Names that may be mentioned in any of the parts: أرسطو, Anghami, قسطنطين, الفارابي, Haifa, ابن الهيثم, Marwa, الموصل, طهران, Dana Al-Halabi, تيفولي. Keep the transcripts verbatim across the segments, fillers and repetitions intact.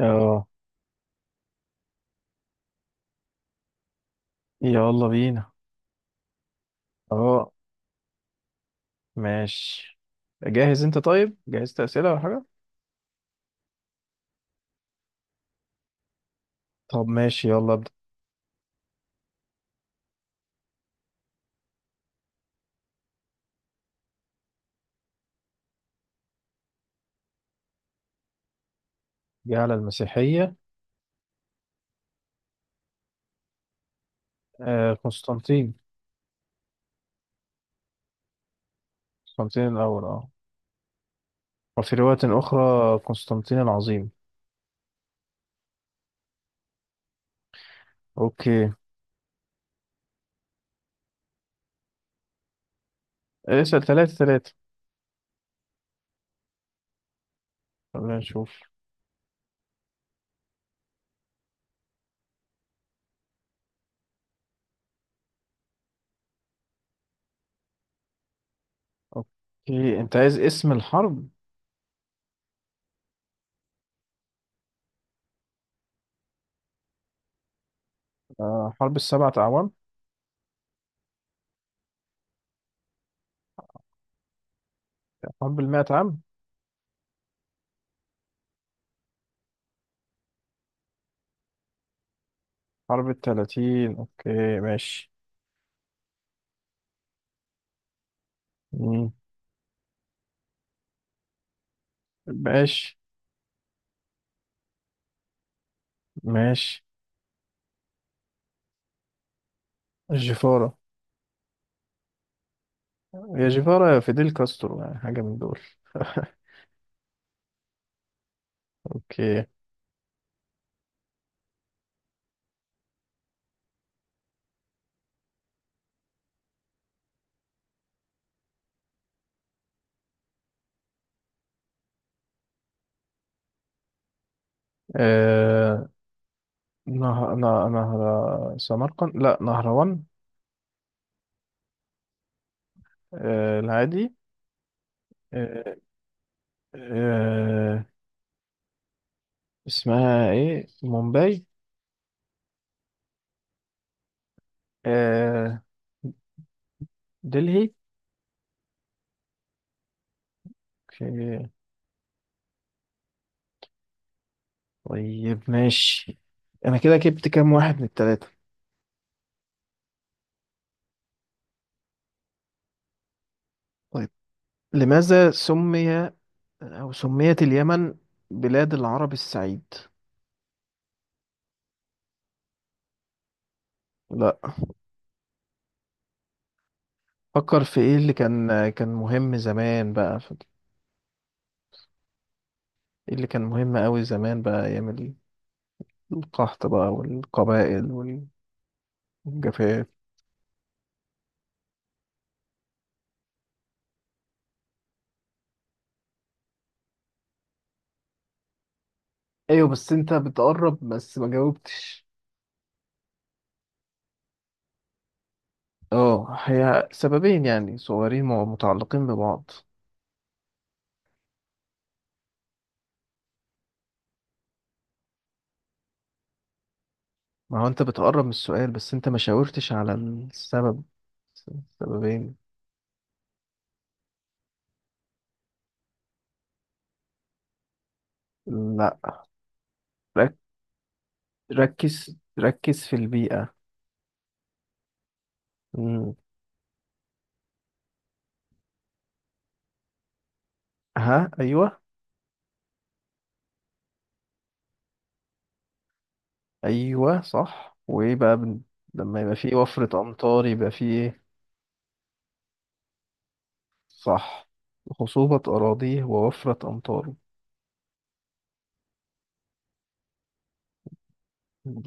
اه، يلا بينا. اه، ماشي. جاهز انت؟ طيب، جهزت اسئله ولا حاجه؟ طب ماشي، يلا ابدا. جه على المسيحيه. آه قسطنطين. قسطنطين الاول، اه. وفي روايه اخرى قسطنطين العظيم. اوكي. آه، اسال ثلاثه ثلاثه. خلينا نشوف. اوكي، انت عايز اسم الحرب. آه حرب السبعة اعوام. حرب المائة عام. حرب الثلاثين، اوكي ماشي. مم. ماشي. ماشي. الجفاره. يا جيفارا يا فيديل كاسترو، يعني حاجة من دول. اوكي. آه... نهر... نه- نهر سمرقند، لا، نهروان. آه... العادي. آه... آه... اسمها ايه؟ مومباي؟ آه... دلهي. اوكي. طيب ماشي. انا كده جبت كام واحد من التلاتة؟ طيب، لماذا سمي او سميت اليمن بلاد العرب السعيد؟ لا. فكر في ايه اللي كان كان مهم زمان بقى. إيه اللي كان مهم أوي زمان بقى؟ أيام ال- القحط بقى والقبائل وال- والجفاف. ايوه، بس انت بتقرب بس ما جاوبتش. اه، هي سببين يعني صغيرين، مع- متعلقين ببعض. ما هو انت بتقرب من السؤال بس انت ما شاورتش على السبب. سببين. لا. رك- ركز، ركز في البيئة. مم. ها، ايوه. ايوه صح، وايه بقى بن... لما يبقى فيه وفرة امطار، يبقى فيه. صح. خصوبة أراضيه ووفرة أمطاره.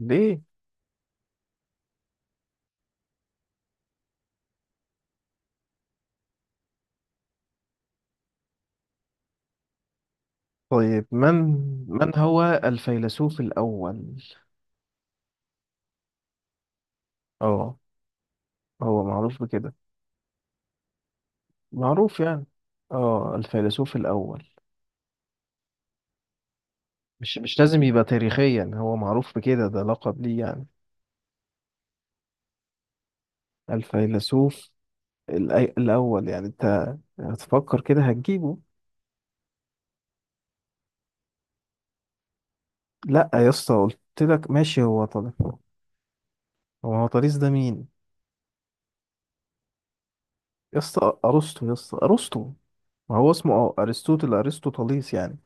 ليه؟ طيب، من من هو الفيلسوف الأول؟ اه، هو معروف بكده، معروف يعني. اه، الفيلسوف الأول. مش مش لازم يبقى تاريخيا، هو معروف بكده، ده لقب ليه يعني. الفيلسوف الأي- الأول، يعني أنت هتفكر كده هتجيبه. لأ يا اسطى، قلت لك ماشي هو طلع هو. هو طريس ده مين؟ يا اسطى أرسطو، يا اسطى أرسطو. ما هو اسمه اه ارسطوطل، ارسطوطاليس يعني.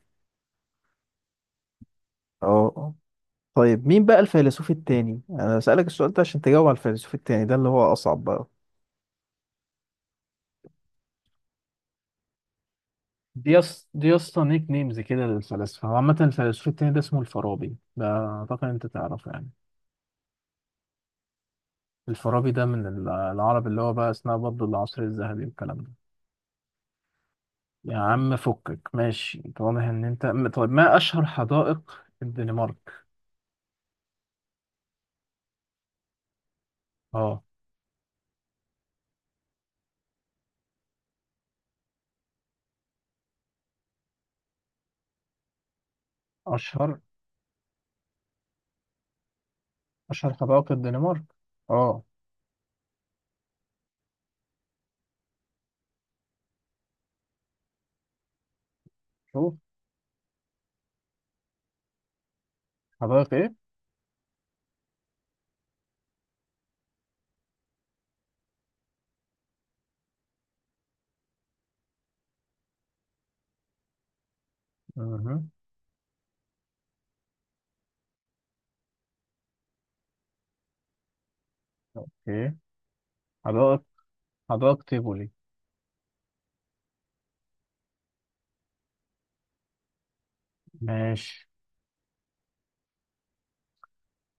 اه. آه. طيب، مين بقى الفيلسوف التاني؟ انا بسألك السؤال ده عشان تجاوب على الفيلسوف التاني ده اللي هو اصعب بقى. دي يص... دي يا اسطى نيك نيمز كده للفلاسفة. هو عامة الفيلسوف التاني ده اسمه الفارابي، ده أعتقد أنت تعرفه يعني. الفارابي ده من ال- العرب، اللي هو بقى أثناء برضه العصر الذهبي والكلام ده. يا عم فكك ماشي، أنت واضح إن أنت م- طيب، ما أشهر حدائق الدنمارك؟ أه. أشهر أشهر حدائق الدنمارك؟ أه. شوف. حدائق إيه؟ اوكي. حدائق حدائق تيفولي. ماشي.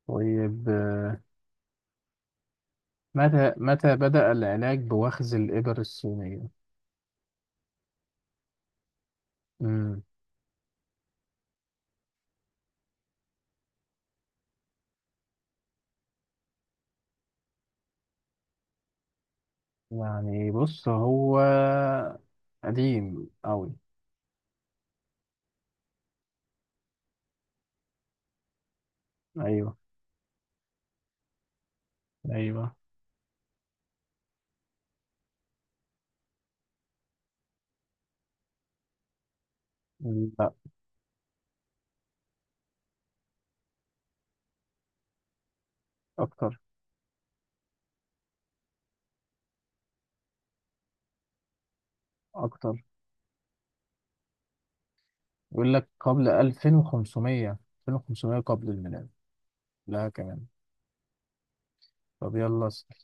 طيب، متى متى بدأ العلاج بوخز الإبر الصينية؟ امم يعني بص، هو قديم أوي. أيوه، أيوه. لا. أكتر. أكتر. يقول لك قبل ألفين وخمسمية. ألفين وخمسمية قبل الميلاد. لا كمان. طب يلا اسأل.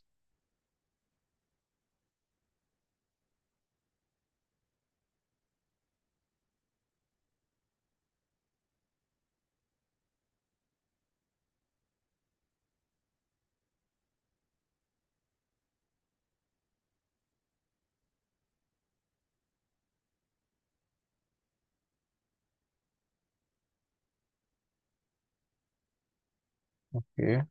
أوكي.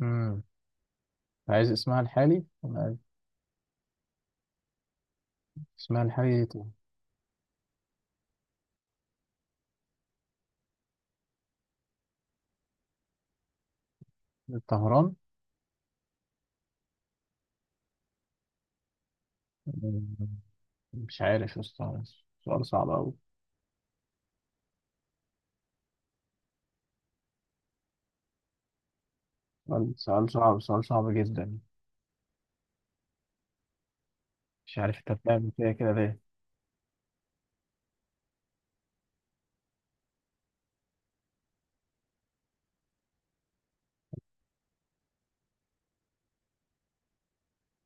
امم عايز اسمها الحالي؟ اسمها الحالي طهران. مش عارف يا اسطى، سؤال صعب أوي. سؤال، سؤال صعب، سؤال صعب جدا. مش عارف أنت بتعمل كده كده ليه.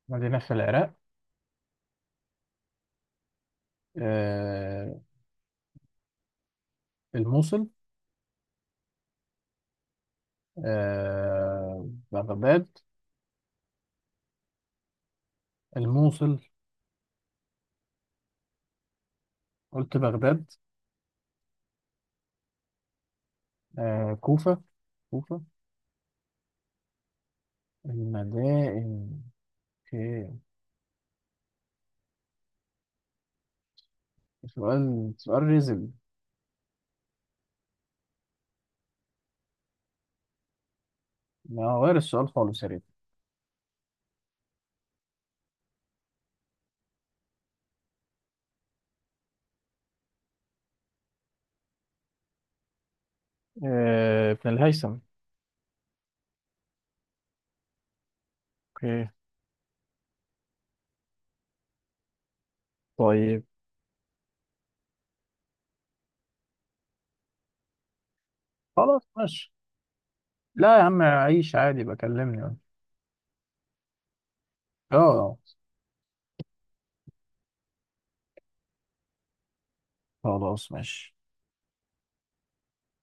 مدينة في العراق. آه الموصل. آه بغداد. الموصل. قلت بغداد. آه كوفة. كوفة. المدائن. اوكي. سؤال، سؤال ريزل. ما غير السؤال خالص يا ريت. آه ابن الهيثم. اوكي. طيب خلاص ماشي. لا يا عم، عيش عادي، بكلمني. اه. خلاص ماشي.